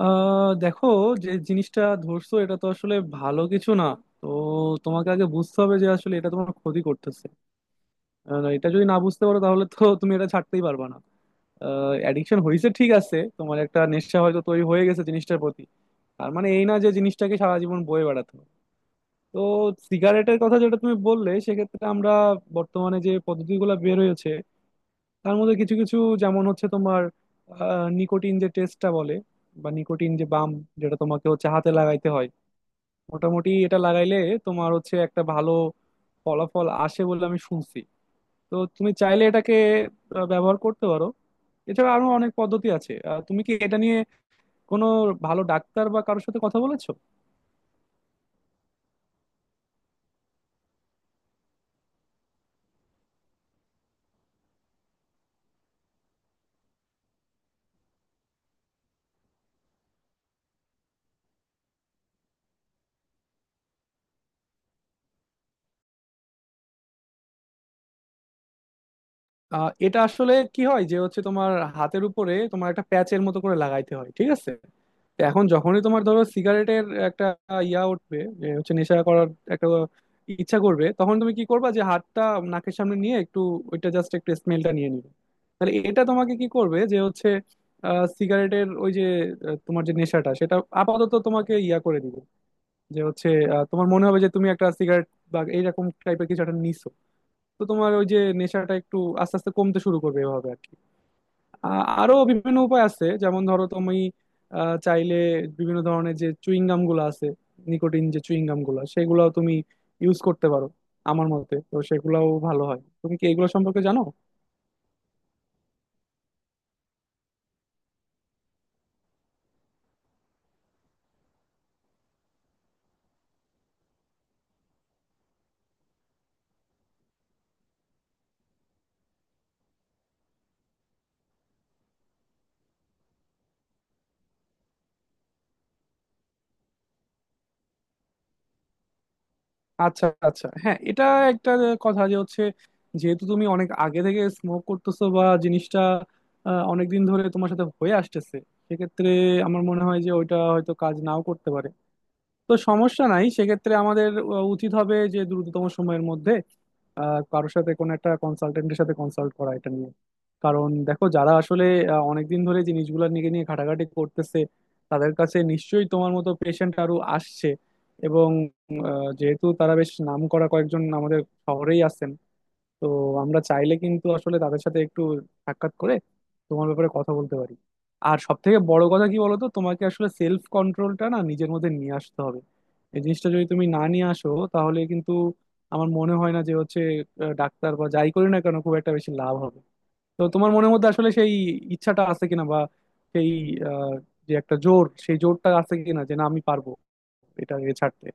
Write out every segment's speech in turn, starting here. দেখো, যে জিনিসটা ধরছো এটা তো আসলে ভালো কিছু না। তো তোমাকে আগে বুঝতে হবে যে আসলে এটা তোমার ক্ষতি করতেছে। এটা যদি না বুঝতে পারো তাহলে তো তুমি এটা ছাড়তেই পারবে না। অ্যাডিকশন হয়েছে, ঠিক আছে, তোমার একটা নেশা হয়তো তৈরি হয়ে গেছে জিনিসটার প্রতি। তার মানে এই না যে জিনিসটাকে সারা জীবন বয়ে বেড়াতে হবে। তো সিগারেটের কথা যেটা তুমি বললে সেক্ষেত্রে আমরা বর্তমানে যে পদ্ধতিগুলো বের হয়েছে তার মধ্যে কিছু কিছু, যেমন হচ্ছে তোমার নিকোটিন যে টেস্টটা বলে বা নিকোটিন যে বাম, যেটা তোমাকে হচ্ছে হাতে লাগাইতে হয়। মোটামুটি এটা লাগাইলে তোমার হচ্ছে একটা ভালো ফলাফল আসে বলে আমি শুনছি। তো তুমি চাইলে এটাকে ব্যবহার করতে পারো। এছাড়া আরো অনেক পদ্ধতি আছে। তুমি কি এটা নিয়ে কোনো ভালো ডাক্তার বা কারোর সাথে কথা বলেছো? এটা আসলে কি হয় যে হচ্ছে তোমার হাতের উপরে তোমার একটা প্যাচের মতো করে লাগাইতে হয়, ঠিক আছে? তো এখন যখনই তোমার ধরো সিগারেটের একটা ইয়া উঠবে, যে হচ্ছে নেশা করার একটা ইচ্ছা করবে, তখন তুমি কি করবা যে হাতটা নাকের সামনে নিয়ে একটু ওইটা জাস্ট একটু স্মেলটা নিয়ে নিবে। তাহলে এটা তোমাকে কি করবে যে হচ্ছে সিগারেটের ওই যে তোমার যে নেশাটা, সেটা আপাতত তোমাকে ইয়া করে দিবে। যে হচ্ছে তোমার মনে হবে যে তুমি একটা সিগারেট বা এইরকম টাইপের কিছু একটা নিছো। তো তোমার ওই যে নেশাটা একটু আস্তে আস্তে কমতে শুরু করবে, এভাবে আর কি। আরো বিভিন্ন উপায় আছে, যেমন ধরো তুমি চাইলে বিভিন্ন ধরনের যে চুইং গাম গুলো আছে, নিকোটিন যে চুইং গাম গুলো, সেগুলাও তুমি ইউজ করতে পারো। আমার মতে তো সেগুলাও ভালো হয়। তুমি কি এগুলো সম্পর্কে জানো? আচ্ছা, আচ্ছা, হ্যাঁ, এটা একটা কথা যে হচ্ছে, যেহেতু তুমি অনেক আগে থেকে স্মোক করতেছো বা জিনিসটা অনেক দিন ধরে তোমার সাথে হয়ে আসতেছে, সেক্ষেত্রে আমার মনে হয় যে ওইটা হয়তো কাজ নাও করতে পারে। তো সমস্যা নাই, সেক্ষেত্রে আমাদের উচিত হবে যে দ্রুততম সময়ের মধ্যে কারোর সাথে, কোনো একটা কনসালটেন্টের সাথে কনসাল্ট করা এটা নিয়ে। কারণ দেখো, যারা আসলে অনেকদিন ধরে জিনিসগুলো নিয়ে নিয়ে ঘাটাঘাটি করতেছে, তাদের কাছে নিশ্চয়ই তোমার মতো পেশেন্ট আরো আসছে। এবং যেহেতু তারা বেশ নাম করা কয়েকজন আমাদের শহরেই আছেন, তো আমরা চাইলে কিন্তু আসলে তাদের সাথে একটু সাক্ষাৎ করে তোমার ব্যাপারে কথা বলতে পারি। আর সব থেকে বড় কথা কি বলতো, তোমাকে আসলে সেলফ কন্ট্রোলটা না নিজের মধ্যে নিয়ে আসতে হবে। এই জিনিসটা যদি তুমি না নিয়ে আসো তাহলে কিন্তু আমার মনে হয় না যে হচ্ছে ডাক্তার বা যাই করি না কেন খুব একটা বেশি লাভ হবে। তো তোমার মনের মধ্যে আসলে সেই ইচ্ছাটা আছে কিনা, বা সেই আহ, যে একটা জোর, সেই জোরটা আছে কিনা যে না, আমি পারবো এটা এ ছাড়তে।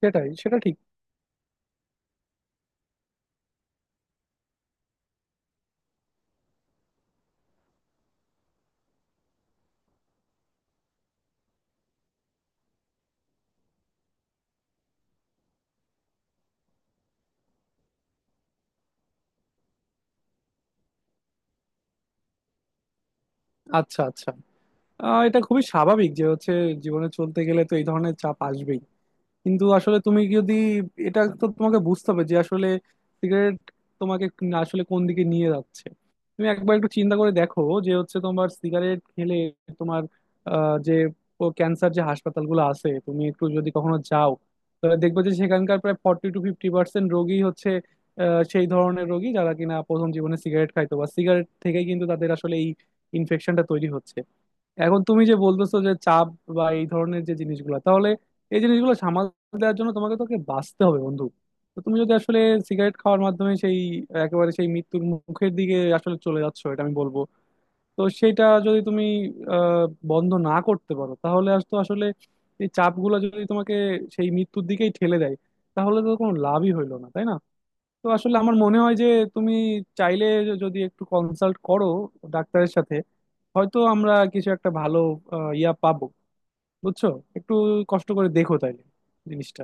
সেটাই সেটা ঠিক। আচ্ছা, আচ্ছা, এটা খুবই স্বাভাবিক যে হচ্ছে জীবনে চলতে গেলে তো এই ধরনের চাপ আসবেই। কিন্তু আসলে তুমি যদি এটা, তো তোমাকে বুঝতে হবে যে আসলে সিগারেট তোমাকে আসলে কোন দিকে নিয়ে যাচ্ছে। তুমি একবার একটু চিন্তা করে দেখো যে হচ্ছে তোমার সিগারেট খেলে তোমার যে ক্যান্সার, যে হাসপাতালগুলো আছে তুমি একটু যদি কখনো যাও, তাহলে দেখবে যে সেখানকার প্রায় 40-50% রোগী হচ্ছে সেই ধরনের রোগী যারা কিনা প্রথম জীবনে সিগারেট খাইতো, বা সিগারেট থেকেই কিন্তু তাদের আসলে এই ইনফেকশনটা তৈরি হচ্ছে। এখন তুমি যে বলতেছো যে চাপ বা এই ধরনের যে জিনিসগুলো, তাহলে এই জিনিসগুলো সামাল দেওয়ার জন্য তোমাকে তোকে বাঁচতে হবে বন্ধু। তো তুমি যদি আসলে সিগারেট খাওয়ার মাধ্যমে সেই একেবারে সেই মৃত্যুর মুখের দিকে আসলে চলে যাচ্ছ, এটা আমি বলবো। তো সেটা যদি তুমি আহ বন্ধ না করতে পারো, তাহলে আজ তো আসলে এই চাপগুলো যদি তোমাকে সেই মৃত্যুর দিকেই ঠেলে দেয়, তাহলে তো কোনো লাভই হইলো না, তাই না? তো আসলে আমার মনে হয় যে তুমি চাইলে, যদি একটু কনসাল্ট করো ডাক্তারের সাথে, হয়তো আমরা কিছু একটা ভালো ইয়া পাবো। বুঝছো? একটু কষ্ট করে দেখো তাইলে জিনিসটা।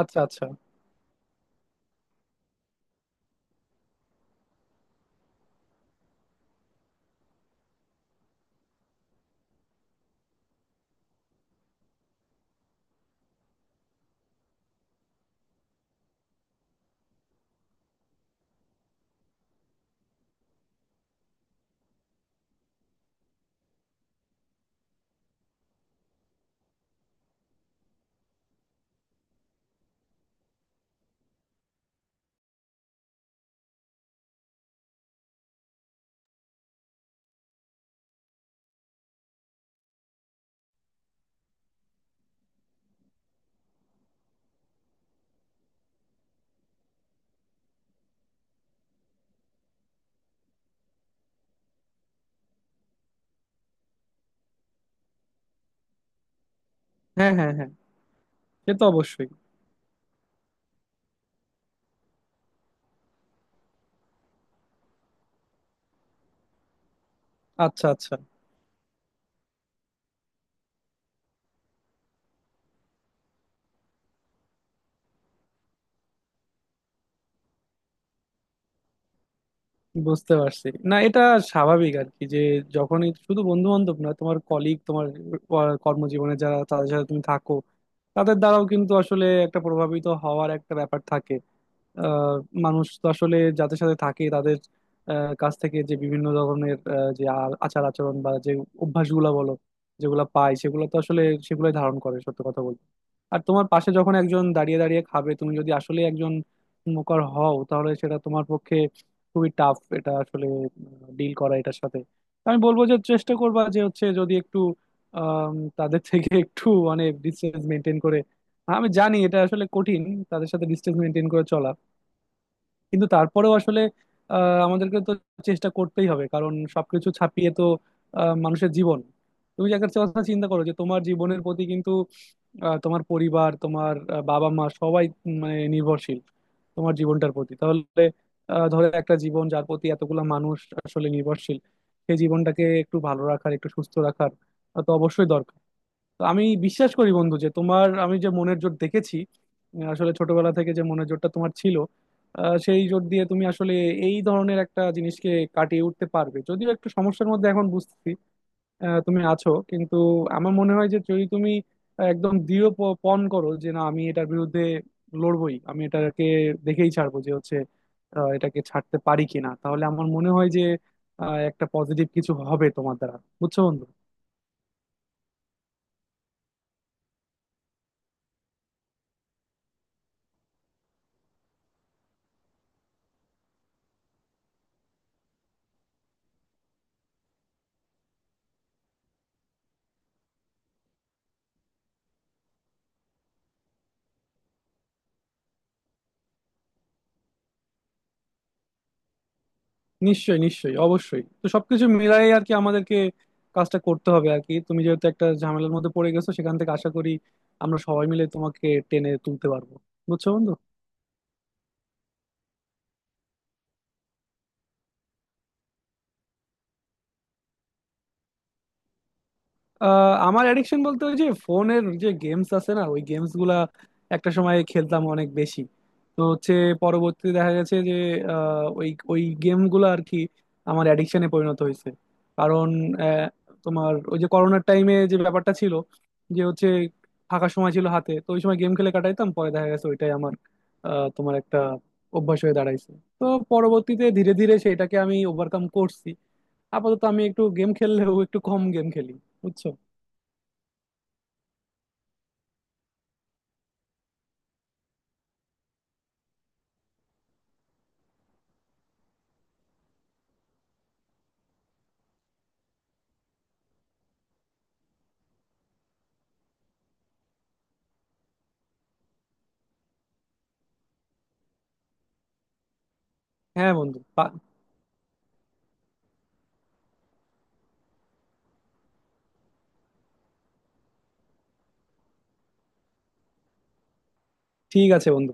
আচ্ছা, আচ্ছা। হ্যাঁ, হ্যাঁ, হ্যাঁ, সে তো অবশ্যই। আচ্ছা, আচ্ছা। বুঝতে পারছি, না এটা স্বাভাবিক আর কি। যে যখনই, শুধু বন্ধু বান্ধব না, তোমার কলিগ, তোমার কর্মজীবনে যারা, তাদের সাথে তুমি থাকো, তাদের দ্বারাও কিন্তু আসলে একটা প্রভাবিত হওয়ার একটা ব্যাপার থাকে। আহ, মানুষ তো আসলে যাদের সাথে থাকে তাদের কাছ থেকে যে বিভিন্ন ধরনের যে আচার আচরণ বা যে অভ্যাসগুলা বলো, যেগুলা পায়, সেগুলো তো আসলে সেগুলাই ধারণ করে, সত্য কথা বলতে। আর তোমার পাশে যখন একজন দাঁড়িয়ে দাঁড়িয়ে খাবে, তুমি যদি আসলে একজন স্মোকার হও, তাহলে সেটা তোমার পক্ষে খুবই টাফ, এটা আসলে ডিল করা এটার সাথে। তো আমি বলবো যে চেষ্টা করবা, যে হচ্ছে যদি একটু আম, তাদের থেকে একটু মানে ডিস্টেন্স মেনটেন করে, আমি জানি এটা আসলে কঠিন, তাদের সাথে ডিস্টেন্স মেনটেন করে চলা। কিন্তু তারপরেও আসলে আমাদেরকে তো চেষ্টা করতেই হবে, কারণ সবকিছু ছাপিয়ে তো মানুষের জীবন। তুমি যে একটা কথা চিন্তা করো যে তোমার জীবনের প্রতি কিন্তু তোমার পরিবার, তোমার বাবা মা সবাই মানে নির্ভরশীল তোমার জীবনটার প্রতি। তাহলে ধরো একটা জীবন যার প্রতি এতগুলা মানুষ আসলে নির্ভরশীল, সেই জীবনটাকে একটু ভালো রাখার, একটু সুস্থ রাখার তো অবশ্যই দরকার। তো আমি বিশ্বাস করি বন্ধু যে তোমার, আমি যে মনের জোর দেখেছি আসলে ছোটবেলা থেকে যে মনের জোরটা তোমার ছিল, সেই জোর দিয়ে তুমি আসলে এই ধরনের একটা জিনিসকে কাটিয়ে উঠতে পারবে। যদিও একটু সমস্যার মধ্যে এখন বুঝতেছি তুমি আছো, কিন্তু আমার মনে হয় যে যদি তুমি একদম দৃঢ় পণ করো যে না, আমি এটার বিরুদ্ধে লড়বই, আমি এটাকে দেখেই ছাড়বো, যে হচ্ছে এটাকে ছাড়তে পারি কিনা, তাহলে আমার মনে হয় যে একটা পজিটিভ কিছু হবে তোমার দ্বারা। বুঝছো বন্ধু? নিশ্চয়ই, নিশ্চয়ই, অবশ্যই, তো সবকিছু মিলাই আর কি আমাদেরকে কাজটা করতে হবে আর কি। তুমি যেহেতু একটা ঝামেলার মধ্যে পড়ে গেছো, সেখান থেকে আশা করি আমরা সবাই মিলে তোমাকে টেনে তুলতে পারবো। বুঝছো বন্ধু? আমার অ্যাডিকশন বলতে ওই যে ফোনের যে গেমস আছে না, ওই গেমস গুলা একটা সময় খেলতাম অনেক বেশি। তো হচ্ছে পরবর্তীতে দেখা গেছে যে ওই ওই গেম গুলো আর কি আমার অ্যাডিকশনে পরিণত হয়েছে। কারণ আহ, তোমার ওই যে করোনার টাইমে যে ব্যাপারটা ছিল, যে হচ্ছে ফাঁকা সময় ছিল হাতে, তো ওই সময় গেম খেলে কাটাইতাম। পরে দেখা গেছে ওইটাই আমার তোমার একটা অভ্যাস হয়ে দাঁড়াইছে। তো পরবর্তীতে ধীরে ধীরে সেটাকে আমি ওভারকাম করছি। আপাতত আমি একটু গেম খেললেও একটু কম গেম খেলি। বুঝছো? হ্যাঁ বন্ধু ঠিক আছে বন্ধু।